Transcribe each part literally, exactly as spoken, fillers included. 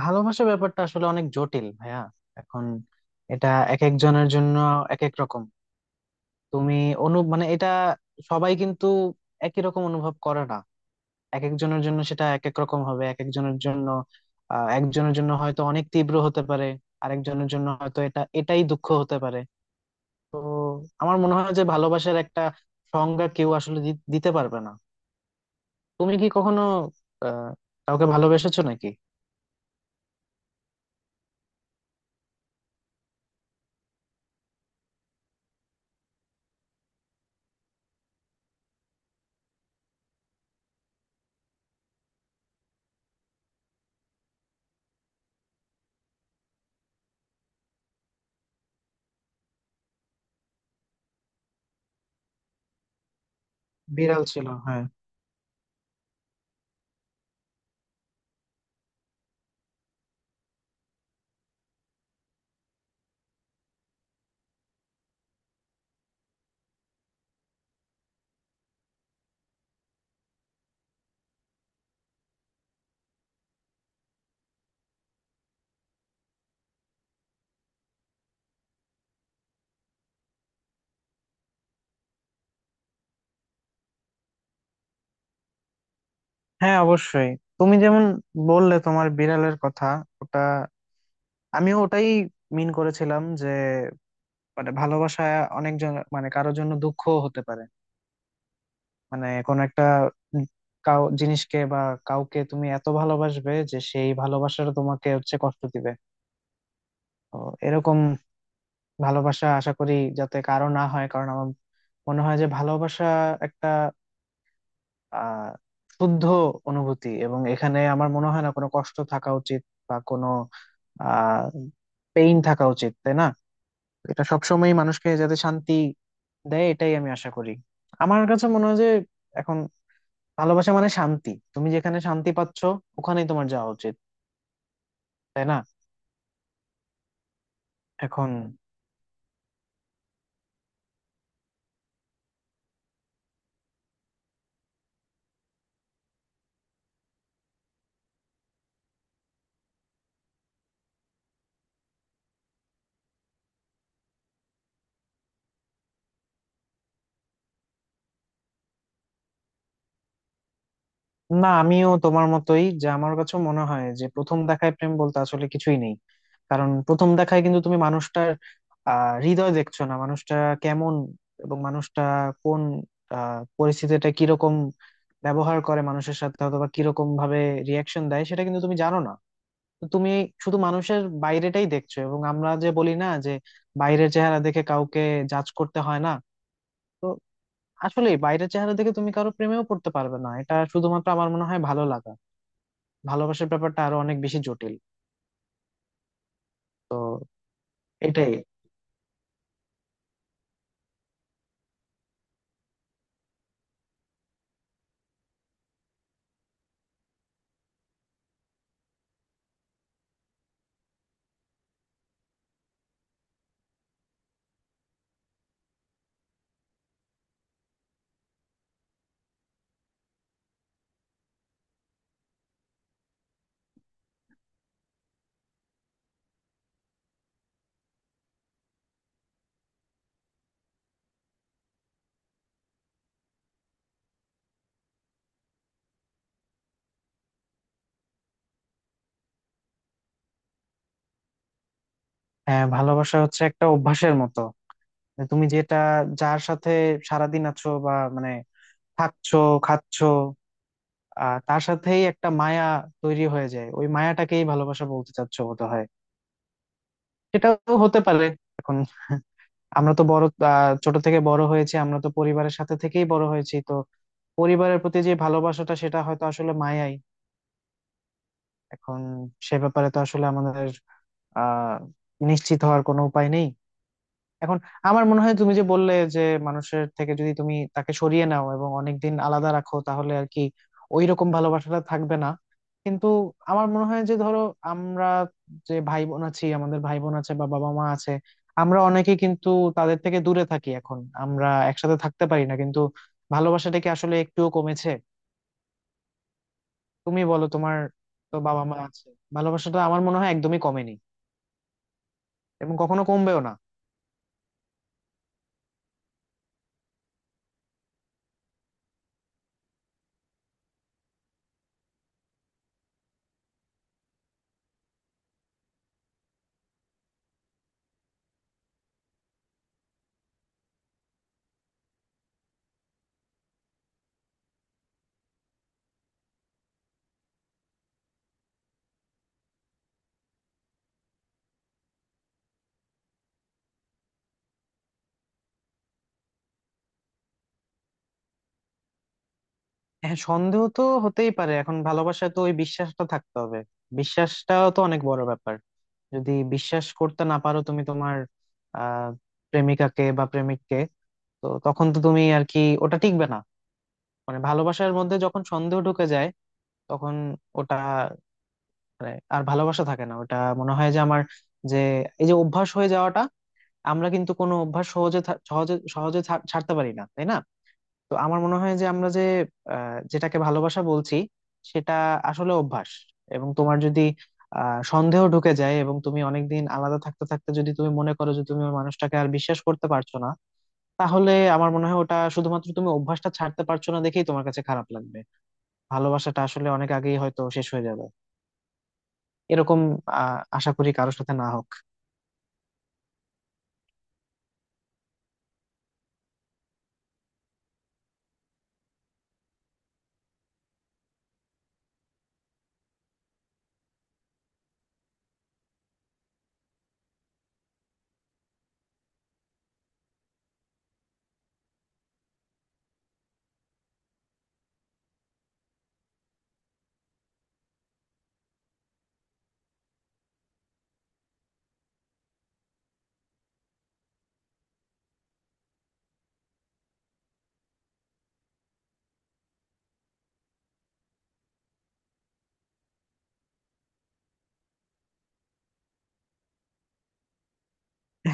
ভালোবাসা ব্যাপারটা আসলে অনেক জটিল ভাইয়া। এখন এটা এক একজনের জন্য এক এক রকম। তুমি অনু মানে এটা সবাই কিন্তু একই রকম অনুভব করে না। এক একজনের জন্য সেটা এক এক রকম হবে, এক একজনের জন্য আহ একজনের জন্য হয়তো অনেক তীব্র হতে পারে, আরেকজনের জন্য হয়তো এটা এটাই দুঃখ হতে পারে। তো আমার মনে হয় যে ভালোবাসার একটা সংজ্ঞা কেউ আসলে দি- দিতে পারবে না। তুমি কি কখনো আহ কাউকে ভালোবেসেছো নাকি? বিড়াল ছিল, হ্যাঁ। হ্যাঁ অবশ্যই। তুমি যেমন বললে তোমার বিড়ালের কথা, ওটা আমিও ওটাই মিন করেছিলাম যে মানে ভালোবাসা অনেক জন মানে কারোর জন্য দুঃখ হতে পারে। মানে কোন একটা উম কাউ জিনিসকে বা কাউকে তুমি এত ভালোবাসবে যে সেই ভালোবাসাটা তোমাকে হচ্ছে কষ্ট দিবে। তো এরকম ভালোবাসা আশা করি যাতে কারো না হয়, কারণ আমার মনে হয় যে ভালোবাসা একটা আহ শুদ্ধ অনুভূতি, এবং এখানে আমার মনে হয় না কোনো কষ্ট থাকা উচিত বা কোনো পেইন থাকা উচিত, তাই না? এটা সবসময় মানুষকে যাতে শান্তি দেয়, এটাই আমি আশা করি। আমার কাছে মনে হয় যে এখন ভালোবাসা মানে শান্তি, তুমি যেখানে শান্তি পাচ্ছ ওখানেই তোমার যাওয়া উচিত, তাই না? এখন না, আমিও তোমার মতোই, যে আমার কাছে মনে হয় যে প্রথম দেখায় প্রেম বলতে আসলে কিছুই নেই। কারণ প্রথম দেখায় কিন্তু তুমি মানুষটার আহ হৃদয় দেখছো না, মানুষটা কেমন এবং মানুষটা কোন আহ পরিস্থিতিটা কিরকম ব্যবহার করে মানুষের সাথে, অথবা কিরকম ভাবে রিয়াকশন দেয় সেটা কিন্তু তুমি জানো না। তো তুমি শুধু মানুষের বাইরেটাই দেখছো, এবং আমরা যে বলি না যে বাইরের চেহারা দেখে কাউকে জাজ করতে হয় না। তো আসলে বাইরের চেহারা দেখে তুমি কারো প্রেমেও পড়তে পারবে না, এটা শুধুমাত্র আমার মনে হয় ভালো লাগা। ভালোবাসার ব্যাপারটা আরো অনেক বেশি জটিল। তো এটাই। হ্যাঁ, ভালোবাসা হচ্ছে একটা অভ্যাসের মতো। তুমি যেটা, যার সাথে সারাদিন আছো বা মানে থাকছো, খাচ্ছো, আহ তার সাথেই একটা মায়া তৈরি হয়ে যায়। ওই মায়াটাকেই ভালোবাসা বলতে চাচ্ছো বোধ হয়, সেটাও হতে পারে। এখন আমরা তো বড়, আহ, ছোট থেকে বড় হয়েছি, আমরা তো পরিবারের সাথে থেকেই বড় হয়েছি। তো পরিবারের প্রতি যে ভালোবাসাটা সেটা হয়তো আসলে মায়াই। এখন সে ব্যাপারে তো আসলে আমাদের আহ নিশ্চিত হওয়ার কোনো উপায় নেই। এখন আমার মনে হয় তুমি যে বললে যে মানুষের থেকে যদি তুমি তাকে সরিয়ে নাও এবং অনেকদিন আলাদা রাখো, তাহলে আর কি ওই রকম ভালোবাসাটা থাকবে না। কিন্তু আমার মনে হয় যে ধরো আমরা যে ভাই বোন আছি, আমাদের ভাই বোন আছে বা বাবা মা আছে, আমরা অনেকে কিন্তু তাদের থেকে দূরে থাকি এখন, আমরা একসাথে থাকতে পারি না, কিন্তু ভালোবাসাটা কি আসলে একটুও কমেছে? তুমি বলো, তোমার তো বাবা মা আছে। ভালোবাসাটা আমার মনে হয় একদমই কমেনি এবং কখনো কমবেও না। হ্যাঁ, সন্দেহ তো হতেই পারে। এখন ভালোবাসায় তো ওই বিশ্বাসটা থাকতে হবে, বিশ্বাসটাও তো অনেক বড় ব্যাপার। যদি বিশ্বাস করতে না পারো তুমি তোমার আহ প্রেমিকাকে বা প্রেমিককে, তো তখন তো তুমি আর কি ওটা টিকবে না। মানে ভালোবাসার মধ্যে যখন সন্দেহ ঢুকে যায়, তখন ওটা মানে আর ভালোবাসা থাকে না। ওটা মনে হয় যে আমার, যে এই যে অভ্যাস হয়ে যাওয়াটা, আমরা কিন্তু কোনো অভ্যাস সহজে থা- সহজে সহজে ছাড়- ছাড়তে পারি না, তাই না? তো আমার মনে হয় যে আমরা যে আহ, যেটাকে ভালোবাসা বলছি সেটা আসলে অভ্যাস। এবং তোমার যদি আহ, সন্দেহ ঢুকে যায় এবং তুমি অনেকদিন আলাদা থাকতে থাকতে যদি তুমি মনে করো যে তুমি ওই মানুষটাকে আর বিশ্বাস করতে পারছো না, তাহলে আমার মনে হয় ওটা শুধুমাত্র তুমি অভ্যাসটা ছাড়তে পারছো না দেখেই তোমার কাছে খারাপ লাগবে। ভালোবাসাটা আসলে অনেক আগেই হয়তো শেষ হয়ে যাবে। এরকম আহ আশা করি কারোর সাথে না হোক।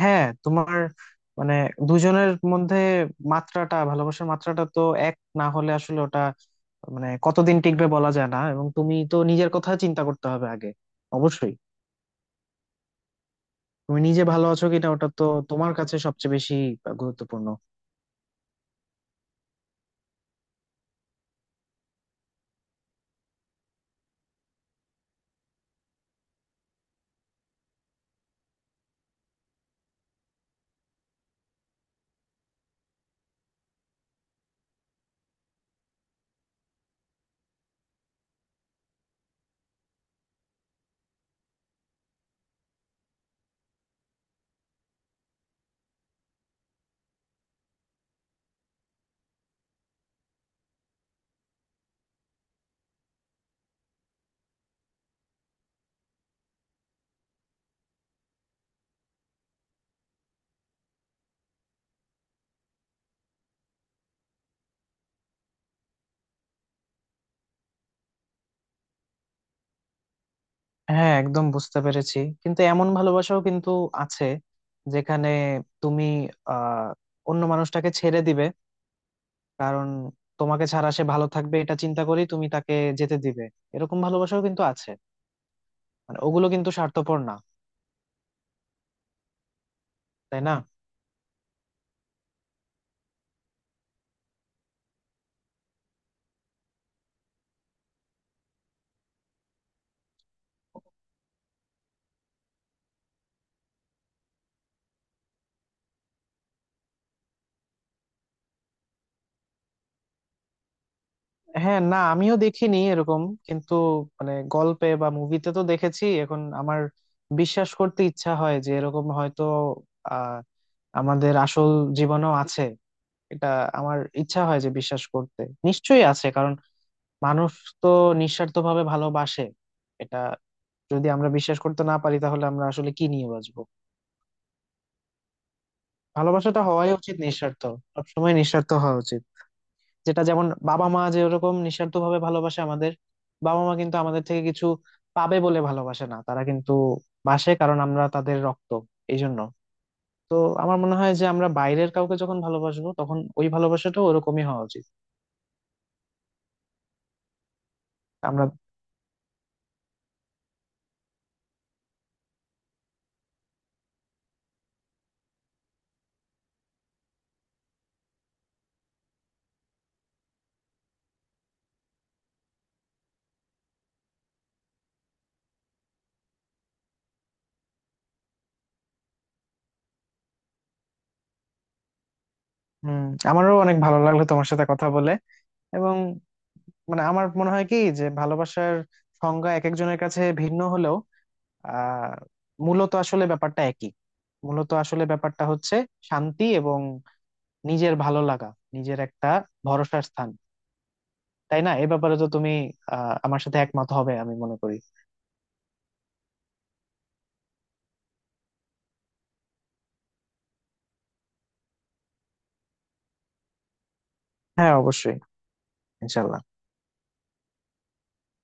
হ্যাঁ, তোমার মানে দুজনের মধ্যে মাত্রাটা, ভালোবাসার মাত্রাটা তো এক না হলে আসলে ওটা মানে কতদিন টিকবে বলা যায় না। এবং তুমি তো নিজের কথা চিন্তা করতে হবে আগে, অবশ্যই। তুমি নিজে ভালো আছো কিনা ওটা তো তোমার কাছে সবচেয়ে বেশি গুরুত্বপূর্ণ। হ্যাঁ একদম বুঝতে পেরেছি, কিন্তু এমন ভালোবাসাও কিন্তু আছে যেখানে তুমি আহ অন্য মানুষটাকে ছেড়ে দিবে কারণ তোমাকে ছাড়া সে ভালো থাকবে, এটা চিন্তা করেই তুমি তাকে যেতে দিবে। এরকম ভালোবাসাও কিন্তু আছে, মানে ওগুলো কিন্তু স্বার্থপর না, তাই না? হ্যাঁ না, আমিও দেখিনি এরকম, কিন্তু মানে গল্পে বা মুভিতে তো দেখেছি। এখন আমার বিশ্বাস করতে ইচ্ছা হয় যে এরকম হয়তো আহ আমাদের আসল জীবনেও আছে। এটা আমার ইচ্ছা হয় যে বিশ্বাস করতে। নিশ্চয়ই আছে, কারণ মানুষ তো নিঃস্বার্থভাবে ভালোবাসে। এটা যদি আমরা বিশ্বাস করতে না পারি, তাহলে আমরা আসলে কি নিয়ে বাঁচবো? ভালোবাসাটা হওয়াই উচিত নিঃস্বার্থ, সবসময় নিঃস্বার্থ হওয়া উচিত। যেটা যেমন বাবা মা যেরকম নিঃস্বার্থ ভাবে ভালোবাসে আমাদের, বাবা মা কিন্তু আমাদের থেকে কিছু পাবে বলে ভালোবাসে না, তারা কিন্তু বাসে কারণ আমরা তাদের রক্ত, এই জন্য। তো আমার মনে হয় যে আমরা বাইরের কাউকে যখন ভালোবাসবো তখন ওই ভালোবাসাটা ওরকমই হওয়া উচিত। আমরা। হম। আমারও অনেক ভালো লাগলো তোমার সাথে কথা বলে। এবং মানে আমার মনে হয় কি যে ভালোবাসার সংজ্ঞা এক একজনের কাছে ভিন্ন হলেও আহ মূলত আসলে ব্যাপারটা একই। মূলত আসলে ব্যাপারটা হচ্ছে শান্তি এবং নিজের ভালো লাগা, নিজের একটা ভরসার স্থান। তাই না? এ ব্যাপারে তো তুমি আহ আমার সাথে একমত হবে আমি মনে করি। হ্যাঁ অবশ্যই, ইনশাল্লাহ।